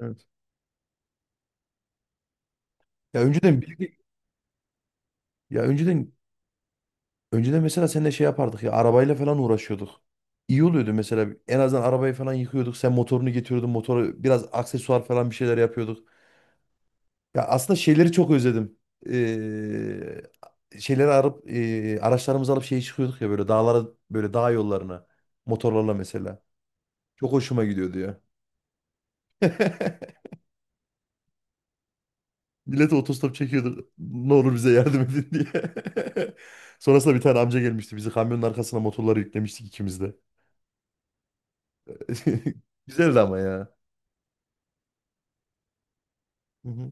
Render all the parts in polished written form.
Evet. Ya önceden bilgi- ya önceden mesela seninle şey yapardık ya arabayla falan uğraşıyorduk. İyi oluyordu mesela en azından arabayı falan yıkıyorduk. Sen motorunu getiriyordun. Motora biraz aksesuar falan bir şeyler yapıyorduk. Ya aslında şeyleri çok özledim. Şeyleri arıp araçlarımızı alıp şeye çıkıyorduk ya böyle dağlara böyle dağ yollarına motorlarla mesela. Çok hoşuma gidiyordu ya. Millet otostop çekiyordu. Ne olur bize yardım edin diye. Sonrasında bir tane amca gelmişti. Bizi kamyonun arkasına motorları yüklemiştik ikimiz de. Güzeldi ama ya. Hı hı.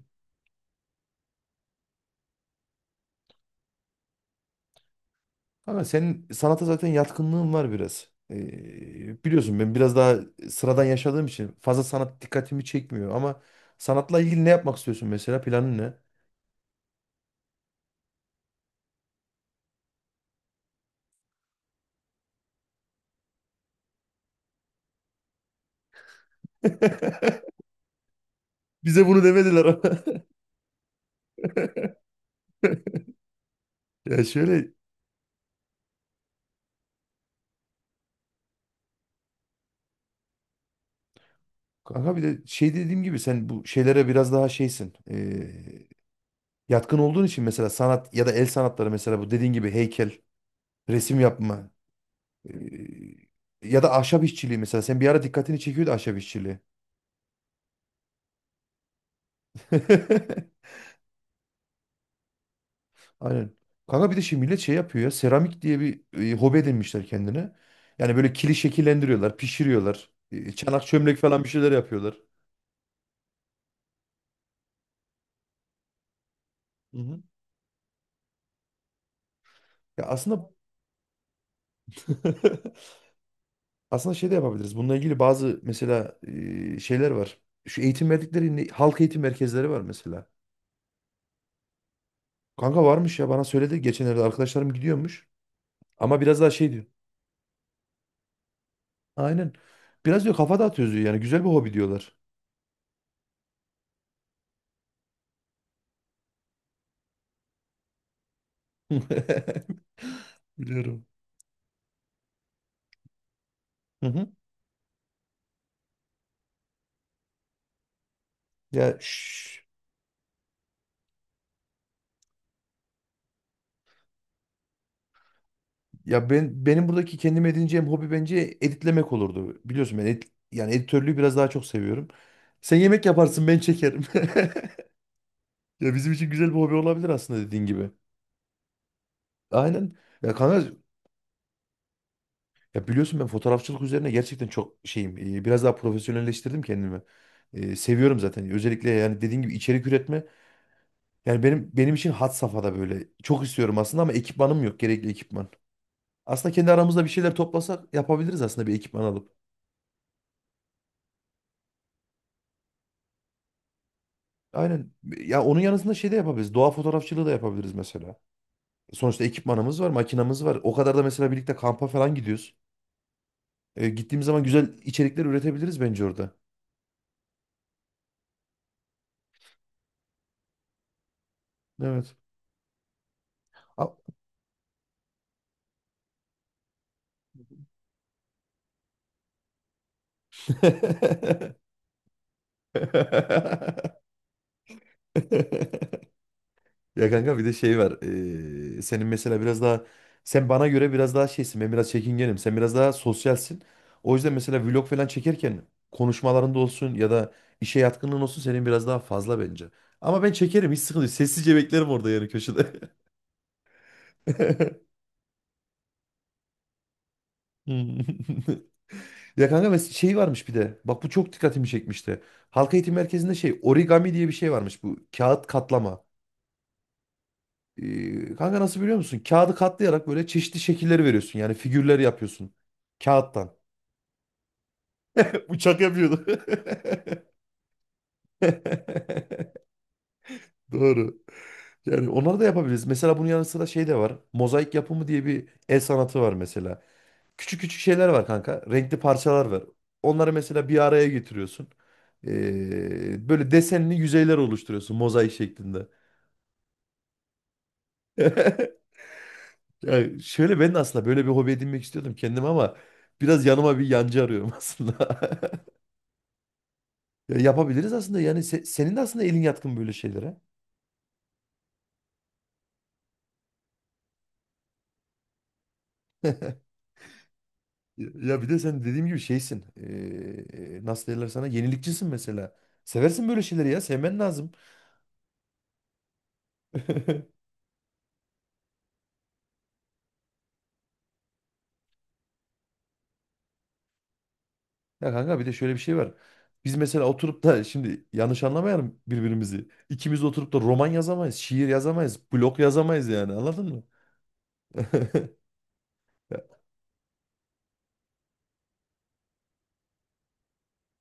Ama senin sanata zaten yatkınlığın var biraz. Biliyorsun ben biraz daha sıradan yaşadığım için fazla sanat dikkatimi çekmiyor ama sanatla ilgili ne yapmak istiyorsun, mesela planın ne? Bize bunu demediler ama. Ya şöyle kanka, bir de şey dediğim gibi sen bu şeylere biraz daha şeysin. Yatkın olduğun için mesela sanat ya da el sanatları, mesela bu dediğin gibi heykel, resim yapma, e, ya da ahşap işçiliği, mesela sen bir ara dikkatini çekiyordu ahşap işçiliği. Aynen. Kanka bir de şimdi millet şey yapıyor ya, seramik diye bir hobi edinmişler kendine. Yani böyle kili şekillendiriyorlar, pişiriyorlar. Çanak çömlek falan bir şeyler yapıyorlar. Hı hı. Ya aslında aslında şey de yapabiliriz. Bununla ilgili bazı mesela şeyler var. Şu eğitim verdikleri halk eğitim merkezleri var mesela. Kanka varmış ya, bana söyledi geçenlerde, arkadaşlarım gidiyormuş. Ama biraz daha şey diyor. Aynen. Biraz diyor, kafa dağıtıyoruz diyor, yani güzel bir hobi diyorlar. Biliyorum. Hı hı. Ya şş, ya benim buradaki kendim edineceğim hobi bence editlemek olurdu. Biliyorsun ben yani editörlüğü biraz daha çok seviyorum. Sen yemek yaparsın, ben çekerim. Ya bizim için güzel bir hobi olabilir aslında, dediğin gibi. Aynen. Ya kanka, ya biliyorsun ben fotoğrafçılık üzerine gerçekten çok şeyim. Biraz daha profesyonelleştirdim kendimi. Seviyorum zaten. Özellikle yani dediğin gibi içerik üretme. Yani benim için had safhada böyle. Çok istiyorum aslında ama ekipmanım yok. Gerekli ekipman. Aslında kendi aramızda bir şeyler toplasak yapabiliriz aslında, bir ekipman alıp. Aynen. Ya onun yanısında şey de yapabiliriz. Doğa fotoğrafçılığı da yapabiliriz mesela. Sonuçta ekipmanımız var, makinamız var. O kadar da mesela birlikte kampa falan gidiyoruz. Gittiğimiz zaman güzel içerikler üretebiliriz bence orada. Evet. A- Ya kanka bir de şey var. Senin mesela biraz daha sen bana göre biraz daha şeysin. Ben biraz çekingenim. Sen biraz daha sosyalsin. O yüzden mesela vlog falan çekerken konuşmalarında olsun ya da işe yatkınlığın olsun, senin biraz daha fazla bence. Ama ben çekerim, hiç sıkıntı yok. Sessizce beklerim orada, yani köşede. Hmm. Ya kanka, şey varmış bir de. Bak bu çok dikkatimi çekmişti. Halk eğitim merkezinde şey, origami diye bir şey varmış bu. Kağıt katlama. Kanka nasıl, biliyor musun? Kağıdı katlayarak böyle çeşitli şekilleri veriyorsun. Yani figürler yapıyorsun. Kağıttan. Uçak yapıyordu. Doğru. Yani onları da yapabiliriz. Mesela bunun yanı sıra şey de var. Mozaik yapımı diye bir el sanatı var mesela. Küçük küçük şeyler var kanka. Renkli parçalar var. Onları mesela bir araya getiriyorsun. Böyle desenli yüzeyler oluşturuyorsun mozaik şeklinde. Ya şöyle, ben de aslında böyle bir hobi edinmek istiyordum kendime ama biraz yanıma bir yancı arıyorum aslında. Ya yapabiliriz aslında, yani senin de aslında elin yatkın böyle şeylere. Ya bir de sen dediğim gibi şeysin. Nasıl derler sana? Yenilikçisin mesela. Seversin böyle şeyleri ya. Sevmen lazım. Ya kanka, bir de şöyle bir şey var. Biz mesela oturup da şimdi yanlış anlamayalım birbirimizi. İkimiz de oturup da roman yazamayız, şiir yazamayız, blog yazamayız, yani anladın mı?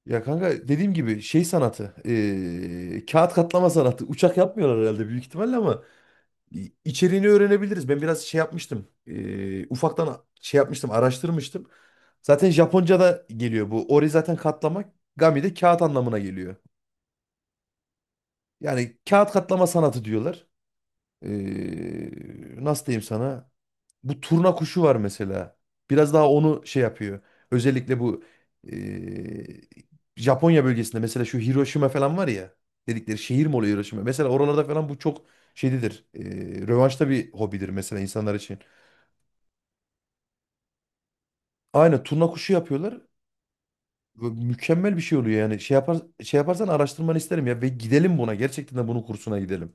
Ya kanka dediğim gibi şey sanatı, kağıt katlama sanatı. Uçak yapmıyorlar herhalde, büyük ihtimalle, ama içeriğini öğrenebiliriz. Ben biraz şey yapmıştım, ufaktan şey yapmıştım, araştırmıştım. Zaten Japonca'da geliyor bu. Ori zaten katlama, gami de kağıt anlamına geliyor. Yani kağıt katlama sanatı diyorlar. Eee, nasıl diyeyim sana? Bu turna kuşu var mesela. Biraz daha onu şey yapıyor. Özellikle bu eee, Japonya bölgesinde, mesela şu Hiroşima falan var ya, dedikleri şehir mi oluyor Hiroşima? Mesela oralarda falan bu çok şeydir. Rövanşta bir hobidir mesela, insanlar için. Aynen, turna kuşu yapıyorlar. Ve mükemmel bir şey oluyor yani. Şey yapar, şey yaparsan araştırmanı isterim ya, ve gidelim buna. Gerçekten de bunun kursuna gidelim.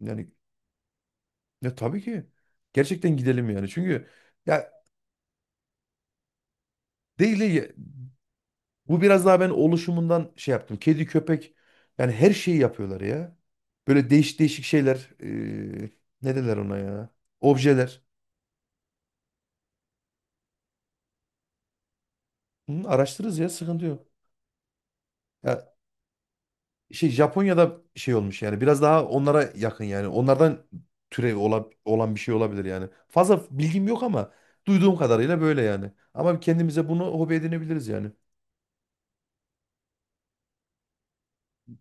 Yani ya, tabii ki. Gerçekten gidelim yani. Çünkü ya, değil de, bu biraz daha ben oluşumundan şey yaptım. Kedi, köpek, yani her şeyi yapıyorlar ya. Böyle değişik değişik şeyler. Ne derler ona ya? Objeler. Hı, araştırırız ya, sıkıntı yok. Ya şey, Japonya'da şey olmuş yani, biraz daha onlara yakın yani. Onlardan türevi olan bir şey olabilir yani. Fazla bilgim yok ama duyduğum kadarıyla böyle yani. Ama kendimize bunu hobi edinebiliriz yani.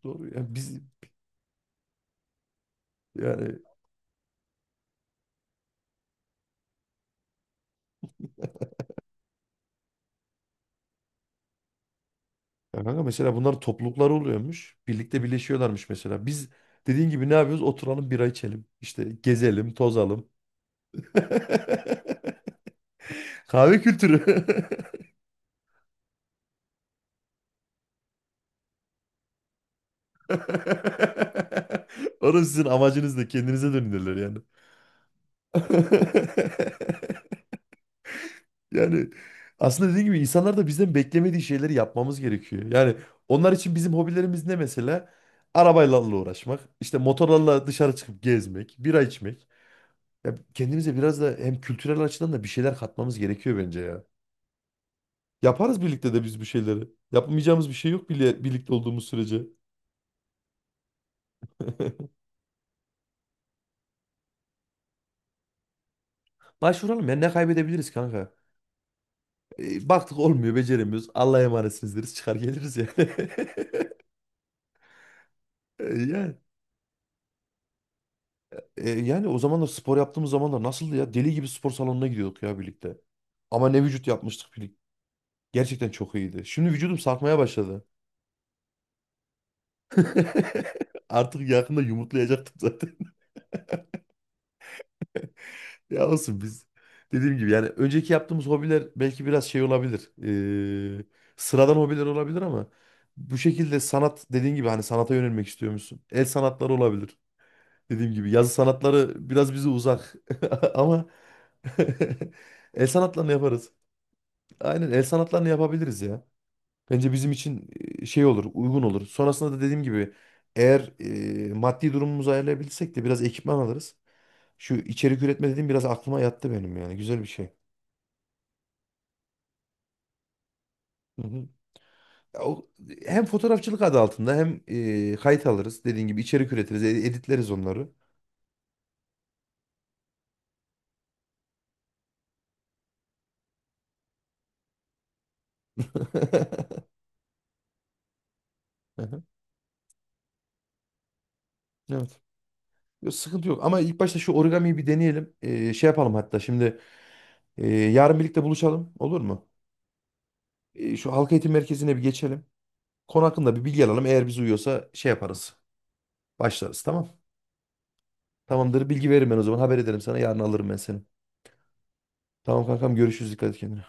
Doğru ya. Biz yani Ya kanka, mesela bunların toplulukları oluyormuş. Birlikte birleşiyorlarmış mesela. Biz dediğin gibi ne yapıyoruz? Oturalım bira içelim. İşte gezelim, tozalım. Kahve kültürü. Orası sizin amacınız da, kendinize dönülürler yani. Yani aslında dediğim gibi, insanlar da bizden beklemediği şeyleri yapmamız gerekiyor. Yani onlar için bizim hobilerimiz ne mesela? Arabayla uğraşmak, işte motorlarla dışarı çıkıp gezmek, bira içmek. Ya kendimize biraz da hem kültürel açıdan da bir şeyler katmamız gerekiyor bence ya. Yaparız birlikte de biz bu şeyleri. Yapmayacağımız bir şey yok, bile birlikte olduğumuz sürece. Başvuralım ya, ne kaybedebiliriz kanka? Baktık olmuyor, beceremiyoruz. Allah'a emanetsiniz deriz, çıkar geliriz yani. E, yani, yani o zamanlar spor yaptığımız zamanlar nasıldı ya? Deli gibi spor salonuna gidiyorduk ya birlikte. Ama ne vücut yapmıştık birlikte. Gerçekten çok iyiydi. Şimdi vücudum sarkmaya başladı. Artık yakında yumurtlayacaktım zaten. Ya olsun biz. Dediğim gibi yani önceki yaptığımız hobiler belki biraz şey olabilir. Ee, sıradan hobiler olabilir ama bu şekilde sanat, dediğin gibi, hani sanata yönelmek istiyor musun? El sanatları olabilir. Dediğim gibi yazı sanatları biraz bize uzak ama el sanatlarını yaparız. Aynen, el sanatlarını yapabiliriz ya. Bence bizim için şey olur, uygun olur. Sonrasında da dediğim gibi, eğer maddi durumumuzu ayarlayabilirsek de biraz ekipman alırız. Şu içerik üretme dediğim biraz aklıma yattı benim yani. Güzel bir şey. Hı hı. Ya hem fotoğrafçılık adı altında hem kayıt alırız. Dediğin gibi içerik üretiriz, editleriz onları. Hı hı. Evet. Yok, sıkıntı yok. Ama ilk başta şu origamiyi bir deneyelim. Şey yapalım hatta şimdi. Yarın birlikte buluşalım. Olur mu? Şu halk eğitim merkezine bir geçelim. Konu hakkında bir bilgi alalım. Eğer bize uyuyorsa şey yaparız. Başlarız, tamam. Tamamdır. Bilgi veririm ben o zaman. Haber ederim sana. Yarın alırım ben seni. Tamam kankam, görüşürüz. Dikkat et kendine.